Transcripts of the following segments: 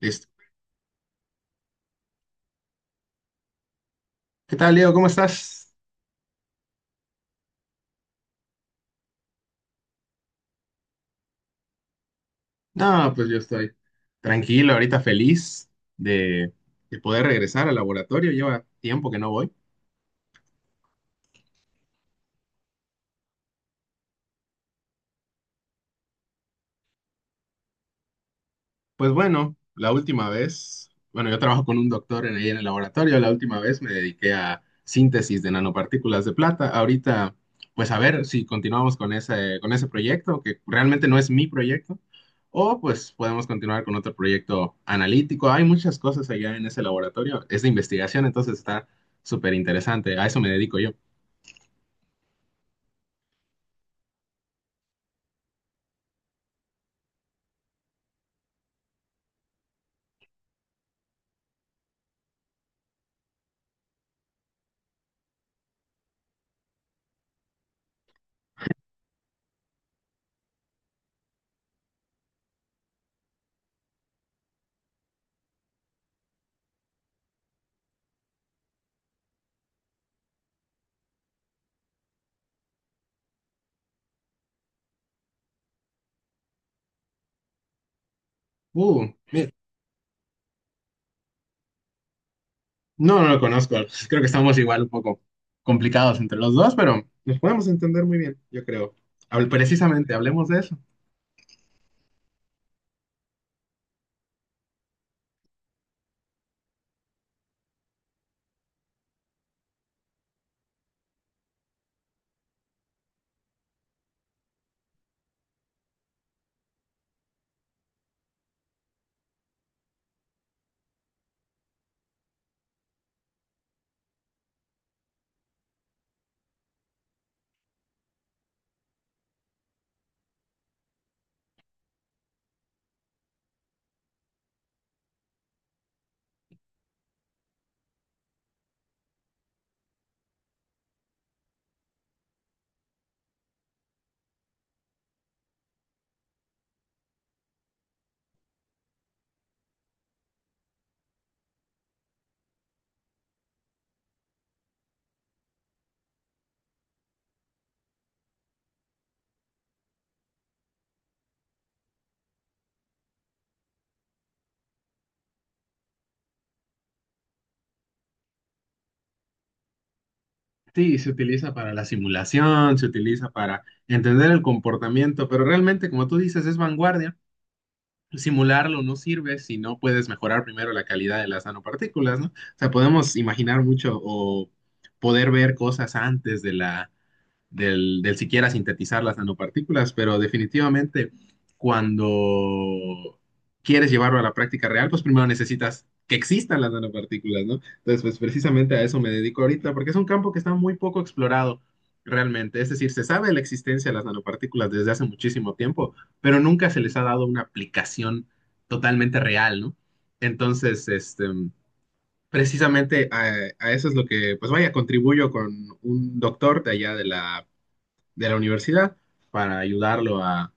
Listo. ¿Qué tal, Leo? ¿Cómo estás? No, pues yo estoy tranquilo, ahorita feliz de, de poder regresar al laboratorio. Lleva tiempo que no voy. Pues bueno, la última vez, bueno, yo trabajo con un doctor ahí en el laboratorio, la última vez me dediqué a síntesis de nanopartículas de plata. Ahorita, pues a ver si continuamos con ese proyecto, que realmente no es mi proyecto, o pues podemos continuar con otro proyecto analítico. Hay muchas cosas allá en ese laboratorio, es de investigación, entonces está súper interesante. A eso me dedico yo. Uh, No, no lo conozco. Creo que estamos igual un poco complicados entre los dos, pero nos podemos entender muy bien, yo creo. Precisamente, hablemos de eso. Sí, se utiliza para la simulación, se utiliza para entender el comportamiento, pero realmente, como tú dices, es vanguardia. Simularlo no sirve si no puedes mejorar primero la calidad de las nanopartículas, ¿no? O sea, podemos imaginar mucho o poder ver cosas antes de la del siquiera sintetizar las nanopartículas, pero definitivamente cuando quieres llevarlo a la práctica real, pues primero necesitas que existan las nanopartículas, ¿no? Entonces, pues precisamente a eso me dedico ahorita, porque es un campo que está muy poco explorado realmente. Es decir, se sabe la existencia de las nanopartículas desde hace muchísimo tiempo, pero nunca se les ha dado una aplicación totalmente real, ¿no? Entonces, este, precisamente a eso es lo que, pues vaya, contribuyo con un doctor de allá de la universidad para ayudarlo a,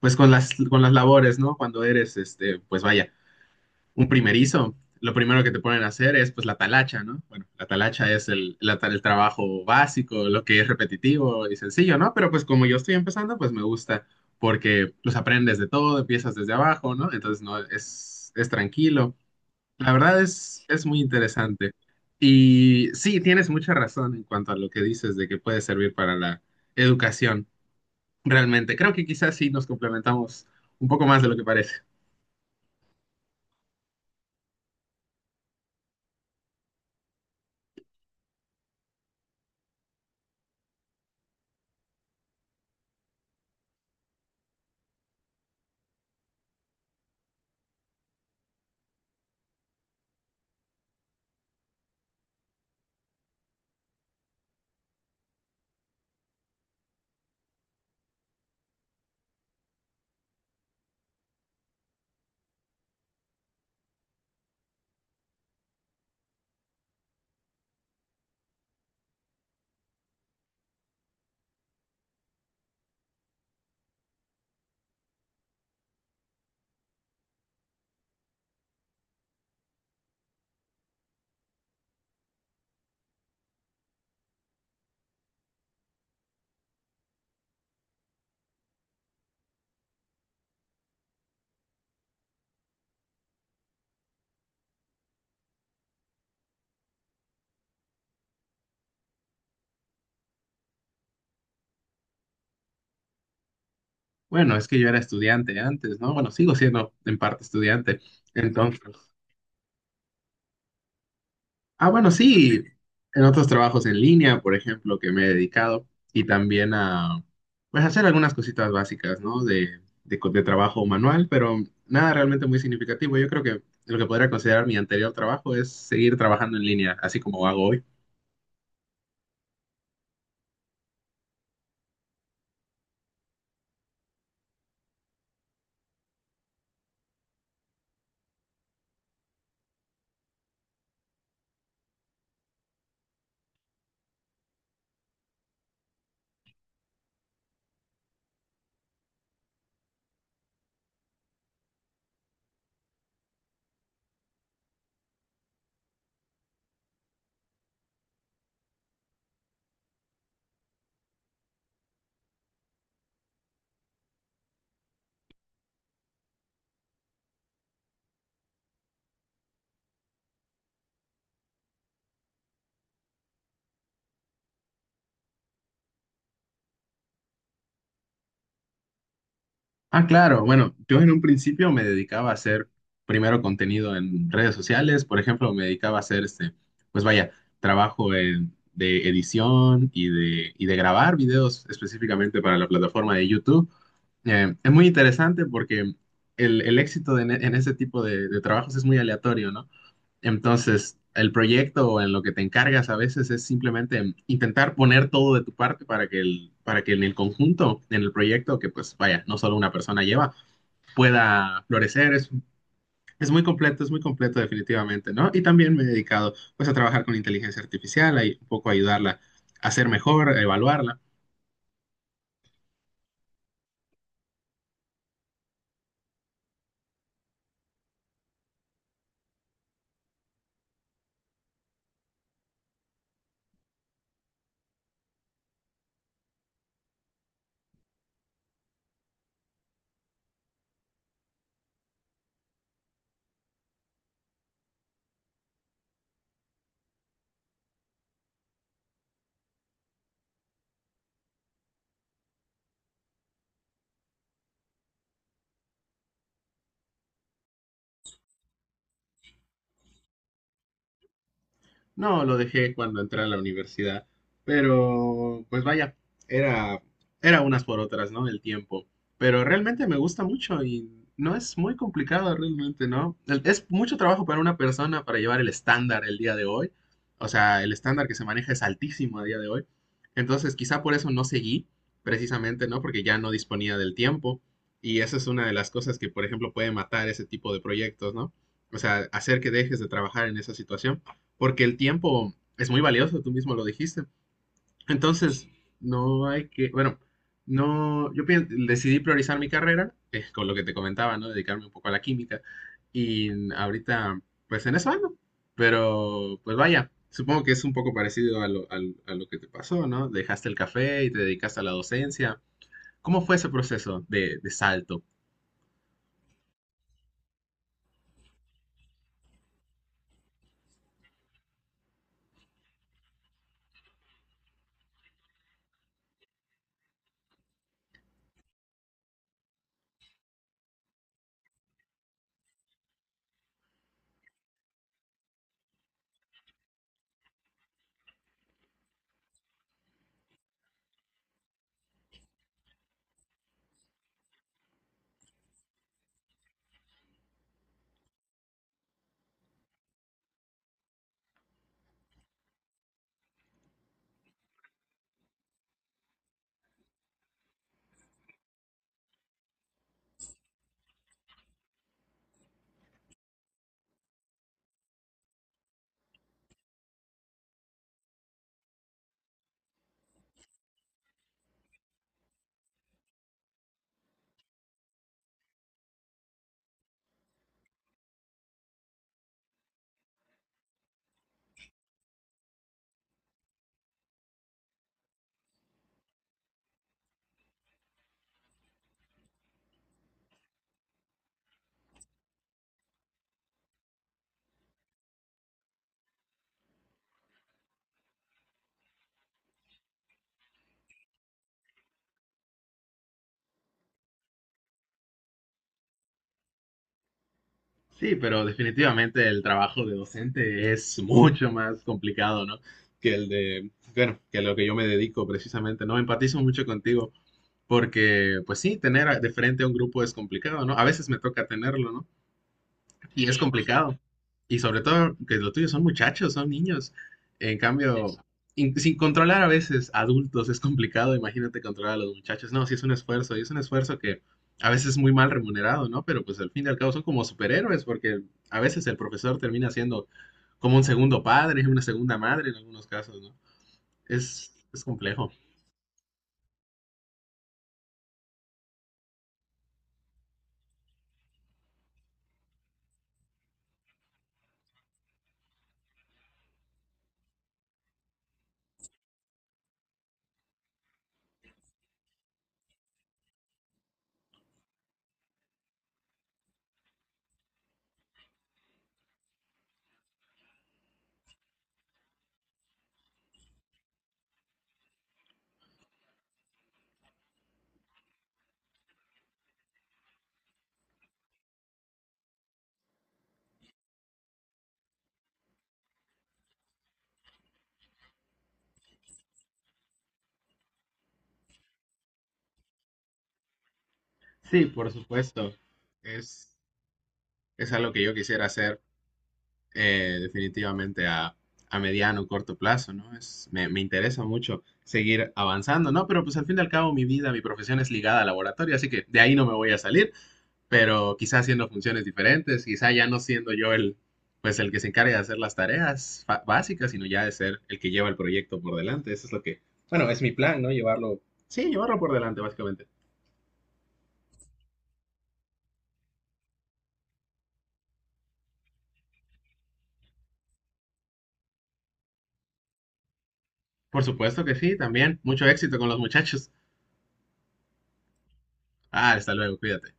pues con con las labores, ¿no? Cuando eres, este, pues vaya, un primerizo, lo primero que te ponen a hacer es pues la talacha, ¿no? Bueno, la talacha es el trabajo básico, lo que es repetitivo y sencillo, ¿no? Pero pues como yo estoy empezando, pues me gusta porque los aprendes de todo, empiezas desde abajo, ¿no? Entonces no es, es tranquilo. La verdad es muy interesante. Y sí, tienes mucha razón en cuanto a lo que dices de que puede servir para la educación. Realmente, creo que quizás sí nos complementamos un poco más de lo que parece. Bueno, es que yo era estudiante antes, ¿no? Bueno, sigo siendo en parte estudiante. Entonces, ah, bueno, sí, en otros trabajos en línea, por ejemplo, que me he dedicado y también a, pues, hacer algunas cositas básicas, ¿no? De trabajo manual, pero nada realmente muy significativo. Yo creo que lo que podría considerar mi anterior trabajo es seguir trabajando en línea, así como hago hoy. Ah, claro. Bueno, yo en un principio me dedicaba a hacer primero contenido en redes sociales. Por ejemplo, me dedicaba a hacer este, pues vaya, trabajo de edición y de grabar videos específicamente para la plataforma de YouTube. Es muy interesante porque el éxito en ese tipo de trabajos es muy aleatorio, ¿no? Entonces, el proyecto o en lo que te encargas a veces es simplemente intentar poner todo de tu parte para que en el conjunto, en el proyecto, que pues vaya, no solo una persona lleva pueda florecer. Es muy completo definitivamente, ¿no? Y también me he dedicado pues a trabajar con inteligencia artificial, a un poco ayudarla a ser mejor, a evaluarla. No, lo dejé cuando entré a la universidad, pero pues vaya, era, era unas por otras, ¿no? El tiempo. Pero realmente me gusta mucho y no es muy complicado realmente, ¿no? Es mucho trabajo para una persona para llevar el estándar el día de hoy. O sea, el estándar que se maneja es altísimo a día de hoy. Entonces, quizá por eso no seguí, precisamente, ¿no? Porque ya no disponía del tiempo. Y esa es una de las cosas que, por ejemplo, puede matar ese tipo de proyectos, ¿no? O sea, hacer que dejes de trabajar en esa situación porque el tiempo es muy valioso, tú mismo lo dijiste. Entonces, no hay que, bueno, no, decidí priorizar mi carrera, con lo que te comentaba, ¿no? Dedicarme un poco a la química y ahorita, pues en eso ando, pero pues vaya, supongo que es un poco parecido a lo que te pasó, ¿no? Dejaste el café y te dedicaste a la docencia. ¿Cómo fue ese proceso de salto? Sí, pero definitivamente el trabajo de docente es mucho más complicado, ¿no? Que el de, bueno, que lo que yo me dedico precisamente, ¿no? Empatizo mucho contigo porque, pues sí, tener de frente a un grupo es complicado, ¿no? A veces me toca tenerlo, ¿no? Y es complicado. Y sobre todo que lo tuyo son muchachos, son niños. En cambio, sin controlar a veces adultos es complicado, imagínate controlar a los muchachos. No, sí es un esfuerzo, y es un esfuerzo que a veces es muy mal remunerado, ¿no? Pero pues al fin y al cabo son como superhéroes, porque a veces el profesor termina siendo como un segundo padre, una segunda madre en algunos casos, ¿no? Es complejo. Sí, por supuesto. Es, es algo que yo quisiera hacer definitivamente a mediano o corto plazo, ¿no? Me, interesa mucho seguir avanzando, ¿no? Pero pues al fin y al cabo mi vida, mi profesión es ligada al laboratorio, así que de ahí no me voy a salir, pero quizá haciendo funciones diferentes, quizá ya no siendo yo el, pues el que se encarga de hacer las tareas básicas, sino ya de ser el que lleva el proyecto por delante. Eso es lo que, bueno, es mi plan, ¿no? Llevarlo, sí, llevarlo por delante, básicamente. Por supuesto que sí, también. Mucho éxito con los muchachos. Ah, hasta luego, cuídate.